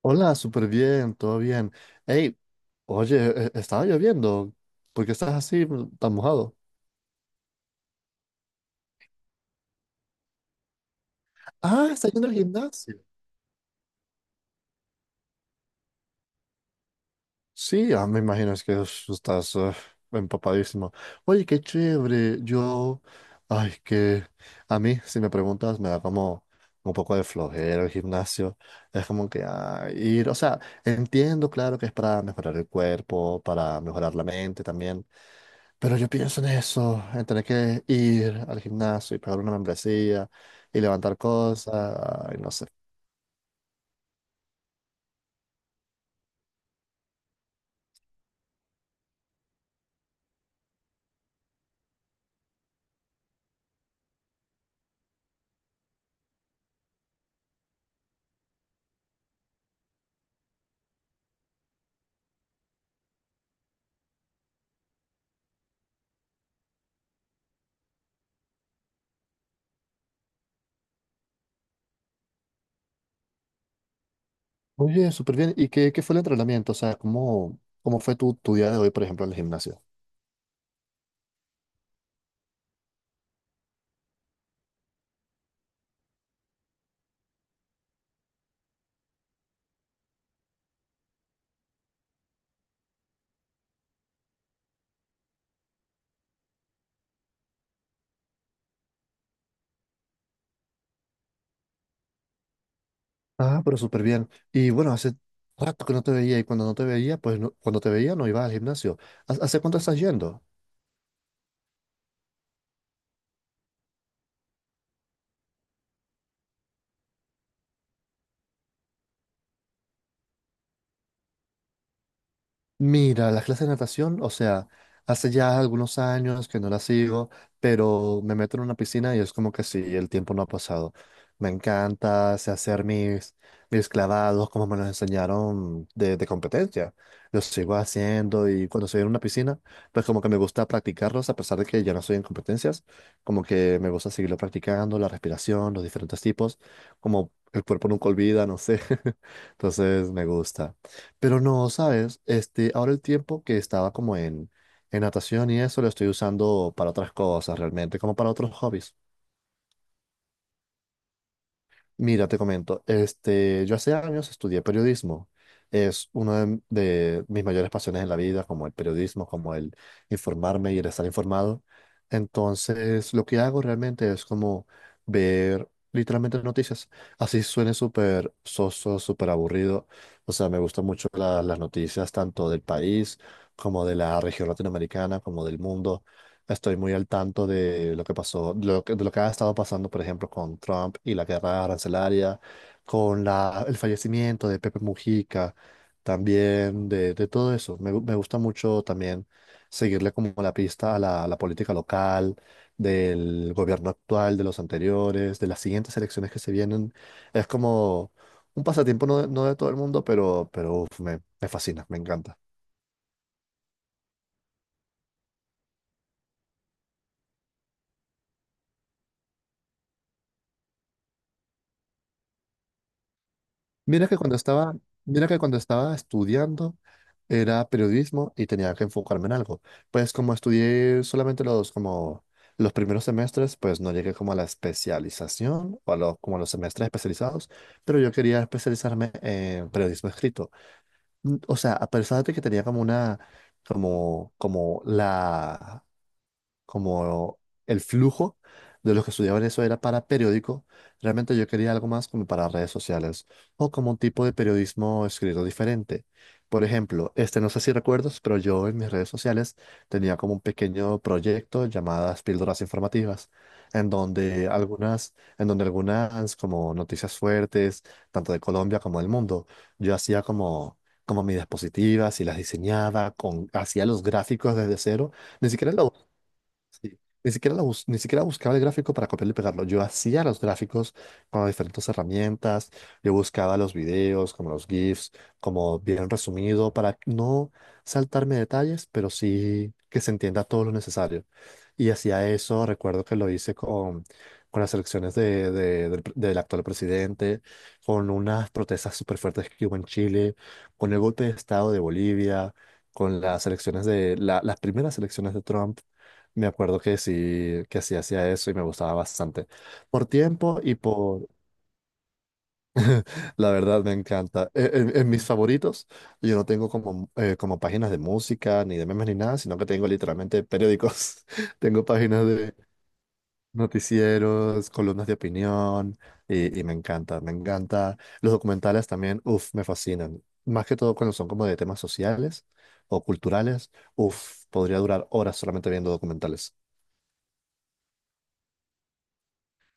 Hola, súper bien, todo bien. Hey, oye, estaba lloviendo. ¿Por qué estás así tan mojado? Ah, estás yendo al gimnasio. Sí, ah, me imagino es que estás empapadísimo. Oye, qué chévere. Yo, ay, que a mí, si me preguntas, me da como un poco de flojera el gimnasio. Es como que ir, o sea, entiendo, claro, que es para mejorar el cuerpo, para mejorar la mente también. Pero yo pienso en eso, en tener que ir al gimnasio y pagar una membresía y levantar cosas, y no sé. Oye, súper bien. ¿Y qué fue el entrenamiento? O sea, ¿cómo fue tu día de hoy, por ejemplo, en el gimnasio? Ah, pero súper bien. Y bueno, hace rato que no te veía y cuando no te veía, pues cuando te veía no ibas al gimnasio. ¿Hace cuánto estás yendo? Mira, las clases de natación, o sea, hace ya algunos años que no las sigo, pero me meto en una piscina y es como que sí, el tiempo no ha pasado. Me encanta, sé hacer mis clavados como me los enseñaron de competencia. Los sigo haciendo y cuando estoy en una piscina, pues como que me gusta practicarlos, a pesar de que ya no estoy en competencias, como que me gusta seguirlo practicando, la respiración, los diferentes tipos, como el cuerpo nunca olvida, no sé. Entonces me gusta. Pero no, ¿sabes? Este, ahora el tiempo que estaba como en natación y eso lo estoy usando para otras cosas realmente, como para otros hobbies. Mira, te comento, este, yo hace años estudié periodismo. Es una de mis mayores pasiones en la vida, como el periodismo, como el informarme y el estar informado. Entonces, lo que hago realmente es como ver literalmente noticias. Así suene súper soso, súper aburrido. O sea, me gustan mucho las noticias tanto del país como de la región latinoamericana, como del mundo. Estoy muy al tanto de lo que pasó, de lo que ha estado pasando, por ejemplo, con Trump y la guerra arancelaria, con el fallecimiento de Pepe Mujica, también de todo eso. Me gusta mucho también seguirle como la pista a a la política local, del gobierno actual, de los anteriores, de las siguientes elecciones que se vienen. Es como un pasatiempo no, de no de todo el mundo, pero uf, me fascina, me encanta. Mira que cuando estaba, mira que cuando estaba estudiando era periodismo y tenía que enfocarme en algo. Pues como estudié solamente los como los primeros semestres, pues no llegué como a la especialización o a los como a los semestres especializados, pero yo quería especializarme en periodismo escrito. O sea, a pesar de que tenía como una como la como el flujo de los que estudiaban eso era para periódico, realmente yo quería algo más como para redes sociales o como un tipo de periodismo escrito diferente. Por ejemplo, este no sé si recuerdas, pero yo en mis redes sociales tenía como un pequeño proyecto llamadas píldoras informativas, en donde algunas como noticias fuertes, tanto de Colombia como del mundo, yo hacía como mis diapositivas y las diseñaba, hacía los gráficos desde cero, ni siquiera lo. Sí. Ni siquiera, ni siquiera buscaba el gráfico para copiarlo y pegarlo. Yo hacía los gráficos con diferentes herramientas. Yo buscaba los videos, como los GIFs, como bien resumido, para no saltarme detalles, pero sí que se entienda todo lo necesario. Y hacía eso, recuerdo que lo hice con las elecciones del actual presidente, con unas protestas súper fuertes que hubo en Chile, con el golpe de Estado de Bolivia, con las elecciones de las primeras elecciones de Trump. Me acuerdo que sí hacía eso y me gustaba bastante. Por tiempo y por. La verdad me encanta. En mis favoritos, yo no tengo como, como páginas de música, ni de memes, ni nada, sino que tengo literalmente periódicos. Tengo páginas de noticieros, columnas de opinión y me encanta, me encanta. Los documentales también, uff, me fascinan. Más que todo cuando son como de temas sociales o culturales, uff, podría durar horas solamente viendo documentales.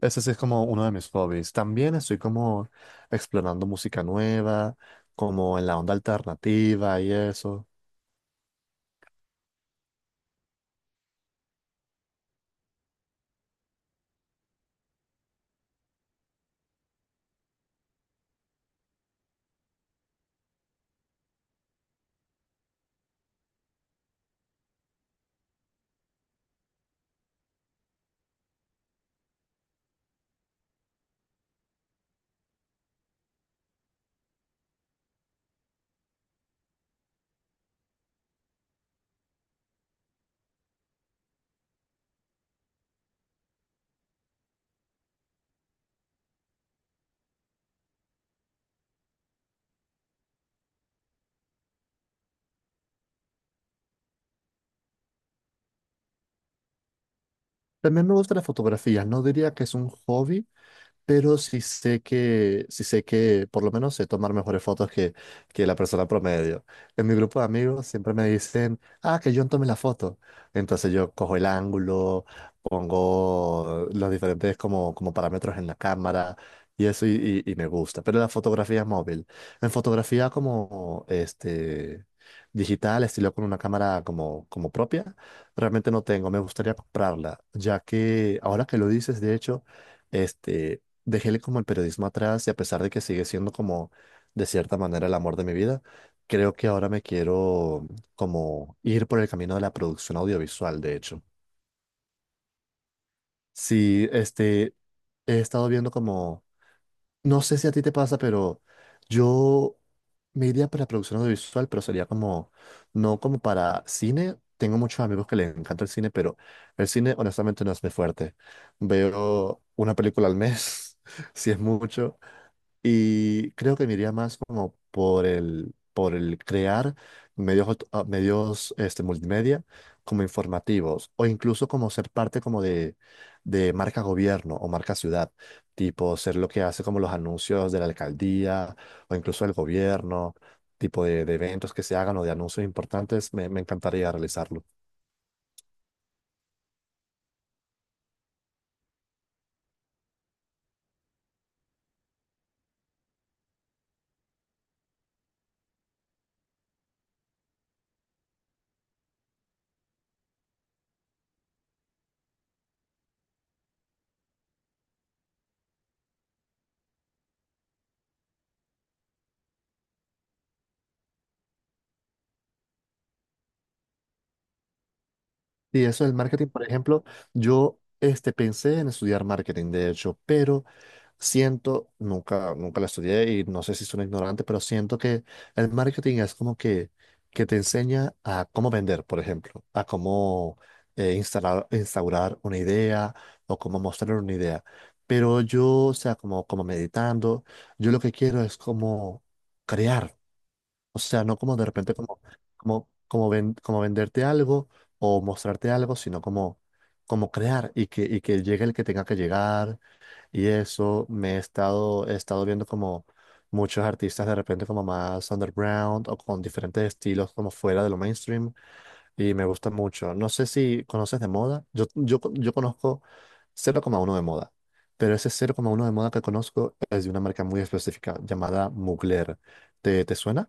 Ese sí es como uno de mis hobbies. También estoy como explorando música nueva, como en la onda alternativa y eso. También me gusta la fotografía. No diría que es un hobby, pero sí sé que por lo menos sé tomar mejores fotos que la persona promedio. En mi grupo de amigos siempre me dicen, ah, que yo tome la foto. Entonces yo cojo el ángulo, pongo los diferentes como parámetros en la cámara y eso y me gusta. Pero la fotografía móvil, en fotografía como este, digital, estilo con una cámara como propia, realmente no tengo, me gustaría comprarla, ya que ahora que lo dices, de hecho, este, dejé como el periodismo atrás y a pesar de que sigue siendo como de cierta manera el amor de mi vida, creo que ahora me quiero como ir por el camino de la producción audiovisual, de hecho. Sí, este, he estado viendo como, no sé si a ti te pasa, pero yo me iría para producción audiovisual, pero sería como, no como para cine. Tengo muchos amigos que les encanta el cine, pero el cine honestamente no es mi fuerte. Veo una película al mes, si es mucho. Y creo que me iría más como por el crear medios, medios este, multimedia como informativos o incluso como ser parte como de marca gobierno o marca ciudad, tipo ser lo que hace como los anuncios de la alcaldía o incluso el gobierno, tipo de eventos que se hagan o de anuncios importantes, me encantaría realizarlo. Y eso del marketing, por ejemplo, yo este, pensé en estudiar marketing, de hecho, pero siento, nunca, nunca lo estudié y no sé si soy ignorante, pero siento que el marketing es como que te enseña a cómo vender, por ejemplo, a cómo instalar, instaurar una idea o cómo mostrar una idea. Pero yo, o sea, como meditando, yo lo que quiero es como crear. O sea, no como de repente como venderte algo o mostrarte algo, sino como crear y que llegue el que tenga que llegar. Y eso he estado viendo como muchos artistas de repente como más underground o con diferentes estilos como fuera de lo mainstream y me gusta mucho. No sé si conoces de moda. Yo conozco 0,1 de moda. Pero ese 0,1 de moda que conozco es de una marca muy específica llamada Mugler. ¿Te suena?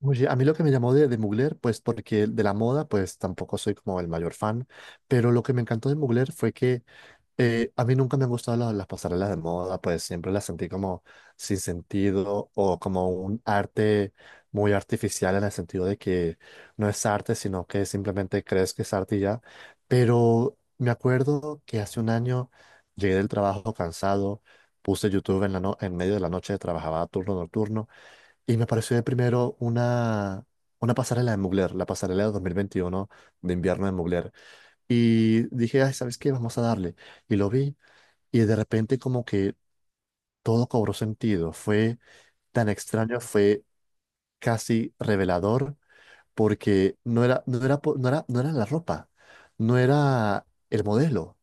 Oye, a mí lo que me llamó de Mugler, pues porque de la moda, pues tampoco soy como el mayor fan, pero lo que me encantó de Mugler fue que a mí nunca me han gustado las pasarelas de moda, pues siempre las sentí como sin sentido o como un arte muy artificial en el sentido de que no es arte, sino que simplemente crees que es arte y ya. Pero me acuerdo que hace un año llegué del trabajo cansado, puse YouTube en la no- en medio de la noche, trabajaba turno nocturno. Y me apareció de primero una pasarela de Mugler, la pasarela de 2021 de invierno de Mugler. Y dije, ay, ¿sabes qué? Vamos a darle. Y lo vi y de repente como que todo cobró sentido. Fue tan extraño, fue casi revelador porque no era, no era, po- no era, no era la ropa, no era el modelo.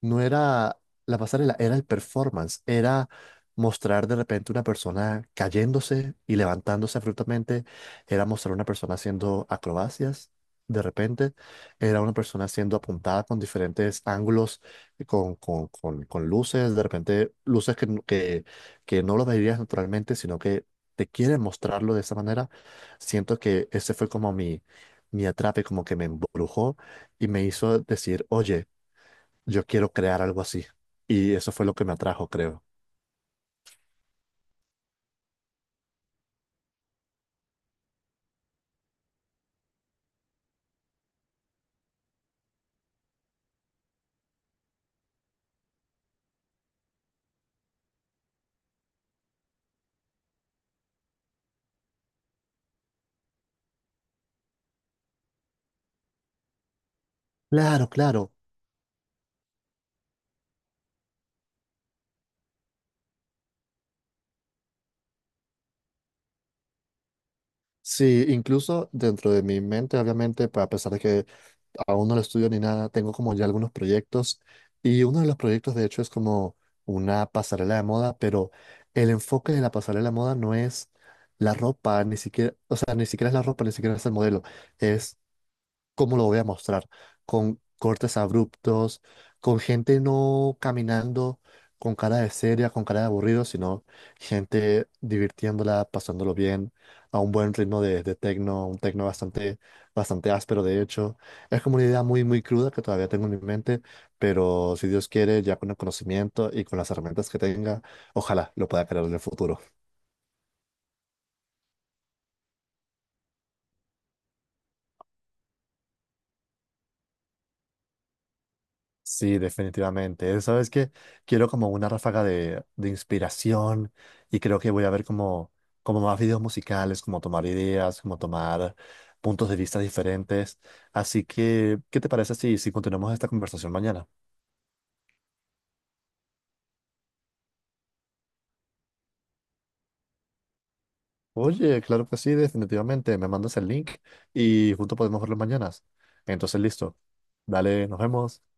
No era la pasarela, era el performance, era mostrar de repente una persona cayéndose y levantándose abruptamente, era mostrar una persona haciendo acrobacias. De repente, era una persona siendo apuntada con diferentes ángulos, con luces, de repente luces que no lo verías naturalmente, sino que te quieren mostrarlo de esa manera. Siento que ese fue como mi atrape, como que me embrujó y me hizo decir, oye, yo quiero crear algo así. Y eso fue lo que me atrajo, creo. Claro, claro. Sí, incluso dentro de mi mente, obviamente, a pesar de que aún no lo estudio ni nada, tengo como ya algunos proyectos. Y uno de los proyectos, de hecho, es como una pasarela de moda, pero el enfoque de la pasarela de moda no es la ropa, ni siquiera, o sea, ni siquiera es la ropa, ni siquiera es el modelo. Es cómo lo voy a mostrar, con cortes abruptos, con gente no caminando con cara de seria, con cara de aburrido, sino gente divirtiéndola, pasándolo bien, a un buen ritmo de tecno, un tecno bastante, bastante áspero, de hecho. Es como una idea muy, muy cruda que todavía tengo en mi mente, pero si Dios quiere, ya con el conocimiento y con las herramientas que tenga, ojalá lo pueda crear en el futuro. Sí, definitivamente. ¿Sabes qué? Quiero como una ráfaga de inspiración y creo que voy a ver como más videos musicales, como tomar ideas, como tomar puntos de vista diferentes. Así que, ¿qué te parece si continuamos esta conversación mañana? Oye, claro que sí, definitivamente. Me mandas el link y juntos podemos verlo mañana. Entonces, listo. Dale, nos vemos.